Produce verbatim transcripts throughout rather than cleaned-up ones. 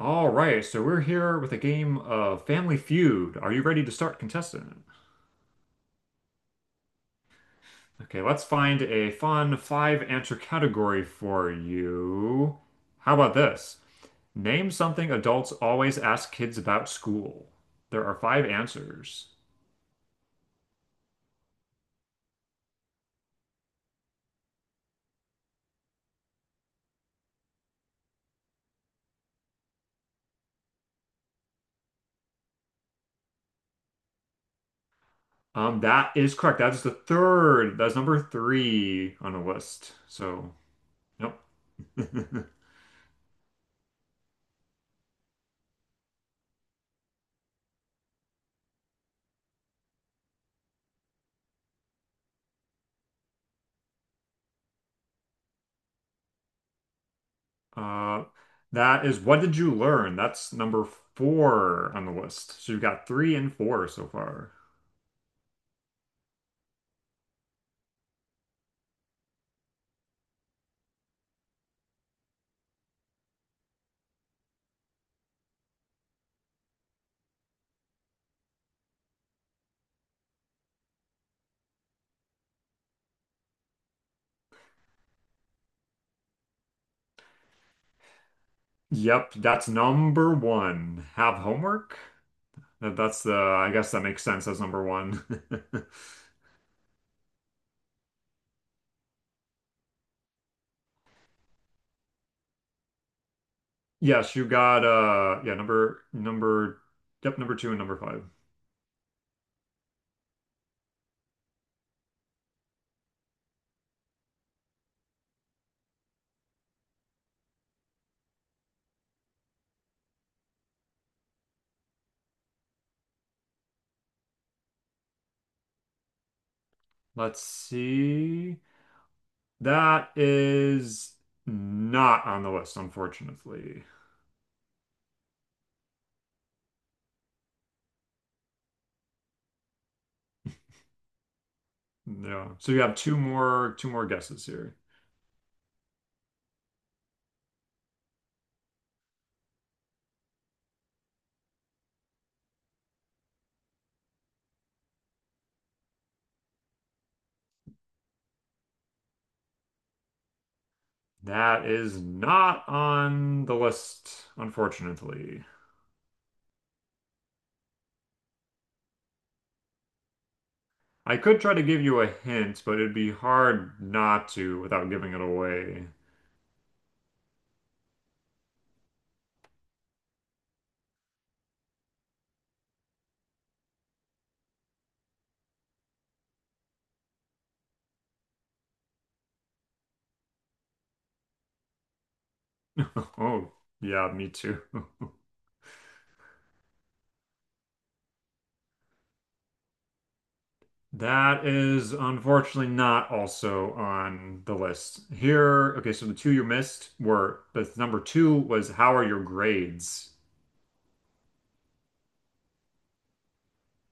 All right, so we're here with a game of Family Feud. Are you ready to start, contestant? Okay, let's find a fun five answer category for you. How about this? Name something adults always ask kids about school. There are five answers. Um, that is correct. That is the third. That's number three on the list. So, nope. Uh, that is what did you learn? That's number four on the list. So you've got three and four so far. Yep, that's number one. Have homework? That- That's the, I guess that makes sense as number one. Yes, you got uh yeah, number number yep, number two and number five. Let's see. That is not on the list, unfortunately. No. So you have two more two more guesses here. That is not on the list, unfortunately. I could try to give you a hint, but it'd be hard not to without giving it away. Oh, yeah, me too. That is unfortunately not also on the list. Here, okay, so the two you missed were the number two was how are your grades?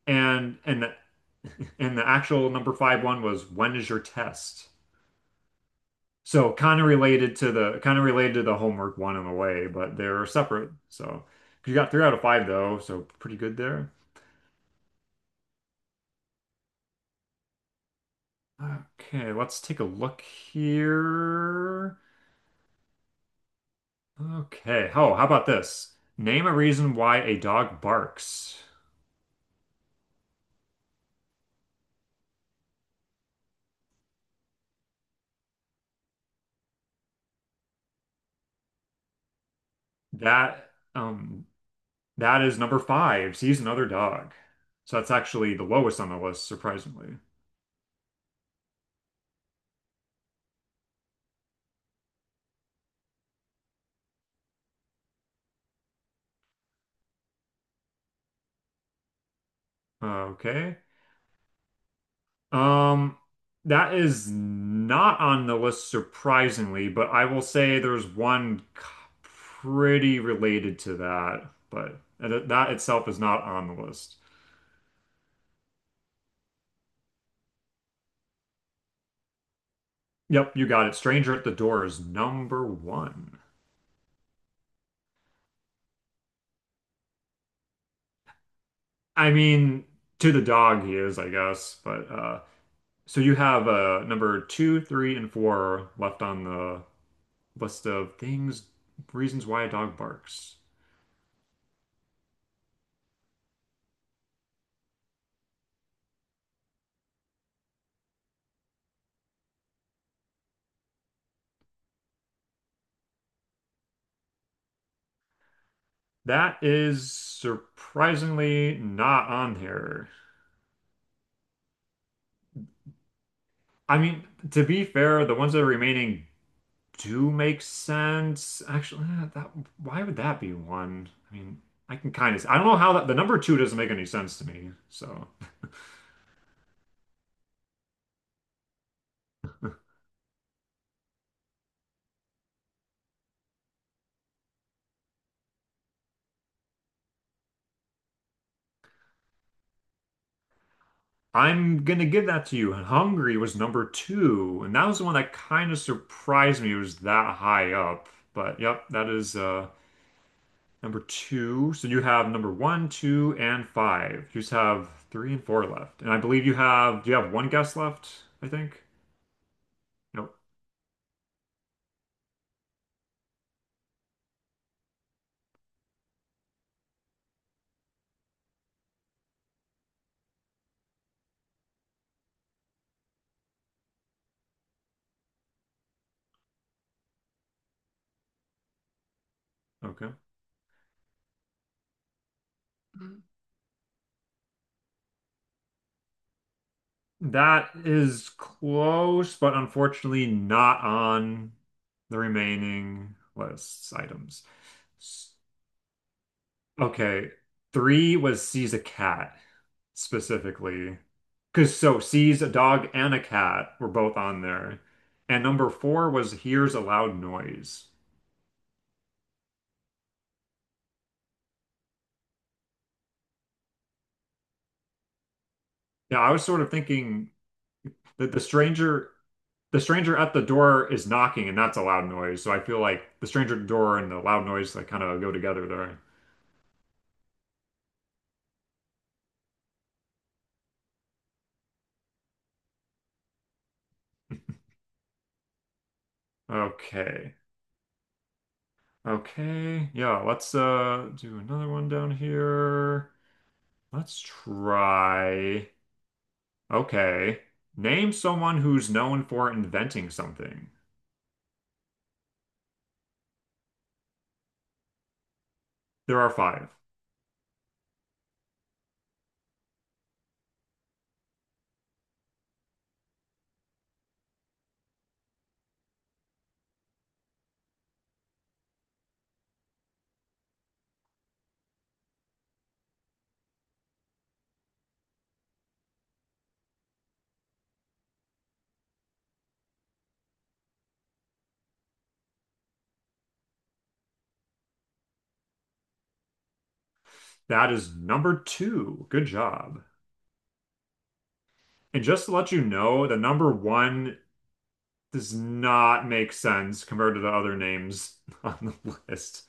And and the, and the actual number five one was when is your test? So kind of related to the kind of related to the homework one in a way, but they're separate. So you got three out of five though, so pretty good there. Okay, let's take a look here. Okay. Oh, how about this? Name a reason why a dog barks. That um that is number five. Sees another dog. So that's actually the lowest on the list, surprisingly. Okay. Um that is not on the list, surprisingly, but I will say there's one c- pretty related to that, but that that itself is not on the list. Yep, you got it. Stranger at the Door is number one. I mean, to the dog he is, I guess. But uh, So you have uh, number two, three, and four left on the list of things, reasons why a dog barks. That is surprisingly not on here. I mean, to be fair, the ones that are remaining do make sense. Actually, eh, that Why would that be one? I mean, I can kind of I don't know how that the number two doesn't make any sense to me. So. I'm gonna give that to you. Hungary was number two, and that was the one that kind of surprised me. It was that high up, but yep, that is uh number two. So you have number one, two, and five. You just have three and four left, and I believe you have. Do you have one guess left? I think. Nope. Okay. Mhm. That is close, but unfortunately not on the remaining lists items. Okay. Three was sees a cat specifically. Because so sees a dog and a cat were both on there. And number four was hears a loud noise. Yeah, I was sort of thinking that the stranger the stranger at the door is knocking and that's a loud noise. So I feel like the stranger at the door and the loud noise like kind of go together there. Okay. Okay. Yeah, let's uh do another one down here. Let's try. Okay. Name someone who's known for inventing something. There are five. That is number two. Good job. And just to let you know, the number one does not make sense compared to the other names on the list.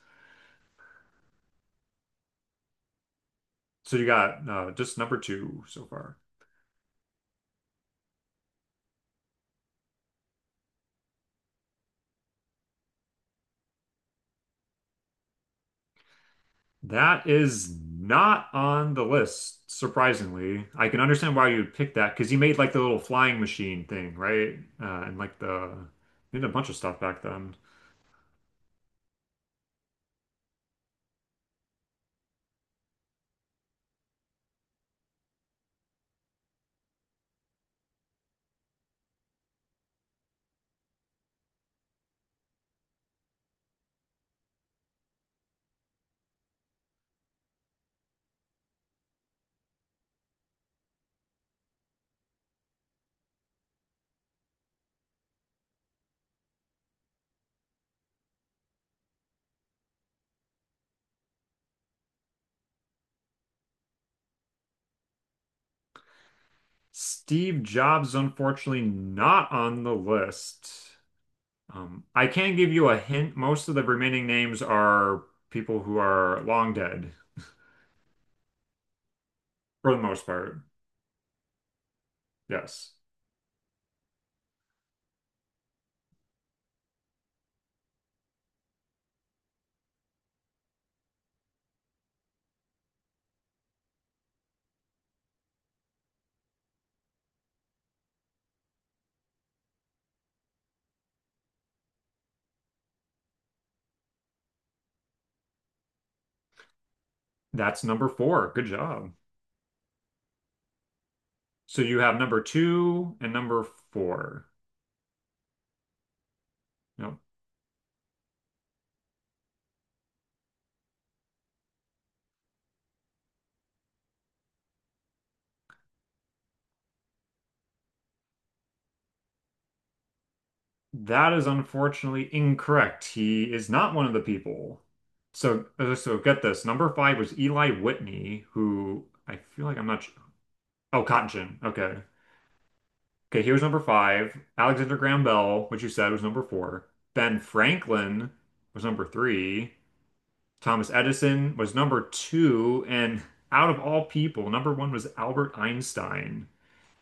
So you got uh, just number two so far. That is not on the list, surprisingly. I can understand why you'd pick that because he made like the little flying machine thing, right? Uh, and like the, he did a bunch of stuff back then. Steve Jobs, unfortunately, not on the list. Um, I can give you a hint. Most of the remaining names are people who are long dead, for the most part. Yes. That's number four. Good job. So you have number two and number four. No, that is unfortunately incorrect. He is not one of the people. So, uh, so get this. Number five was Eli Whitney, who I feel like I'm not. su- Oh, Cotton Gin. Okay. Okay, he was number five. Alexander Graham Bell, which you said was number four. Ben Franklin was number three. Thomas Edison was number two. And out of all people, number one was Albert Einstein.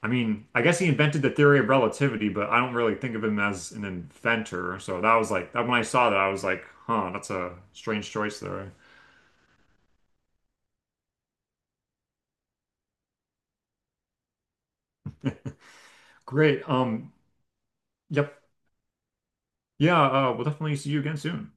I mean, I guess he invented the theory of relativity, but I don't really think of him as an inventor. So that was like that when I saw that, I was like, huh, that's a strange choice there. Great. Um, yep. Yeah, uh, we'll definitely see you again soon.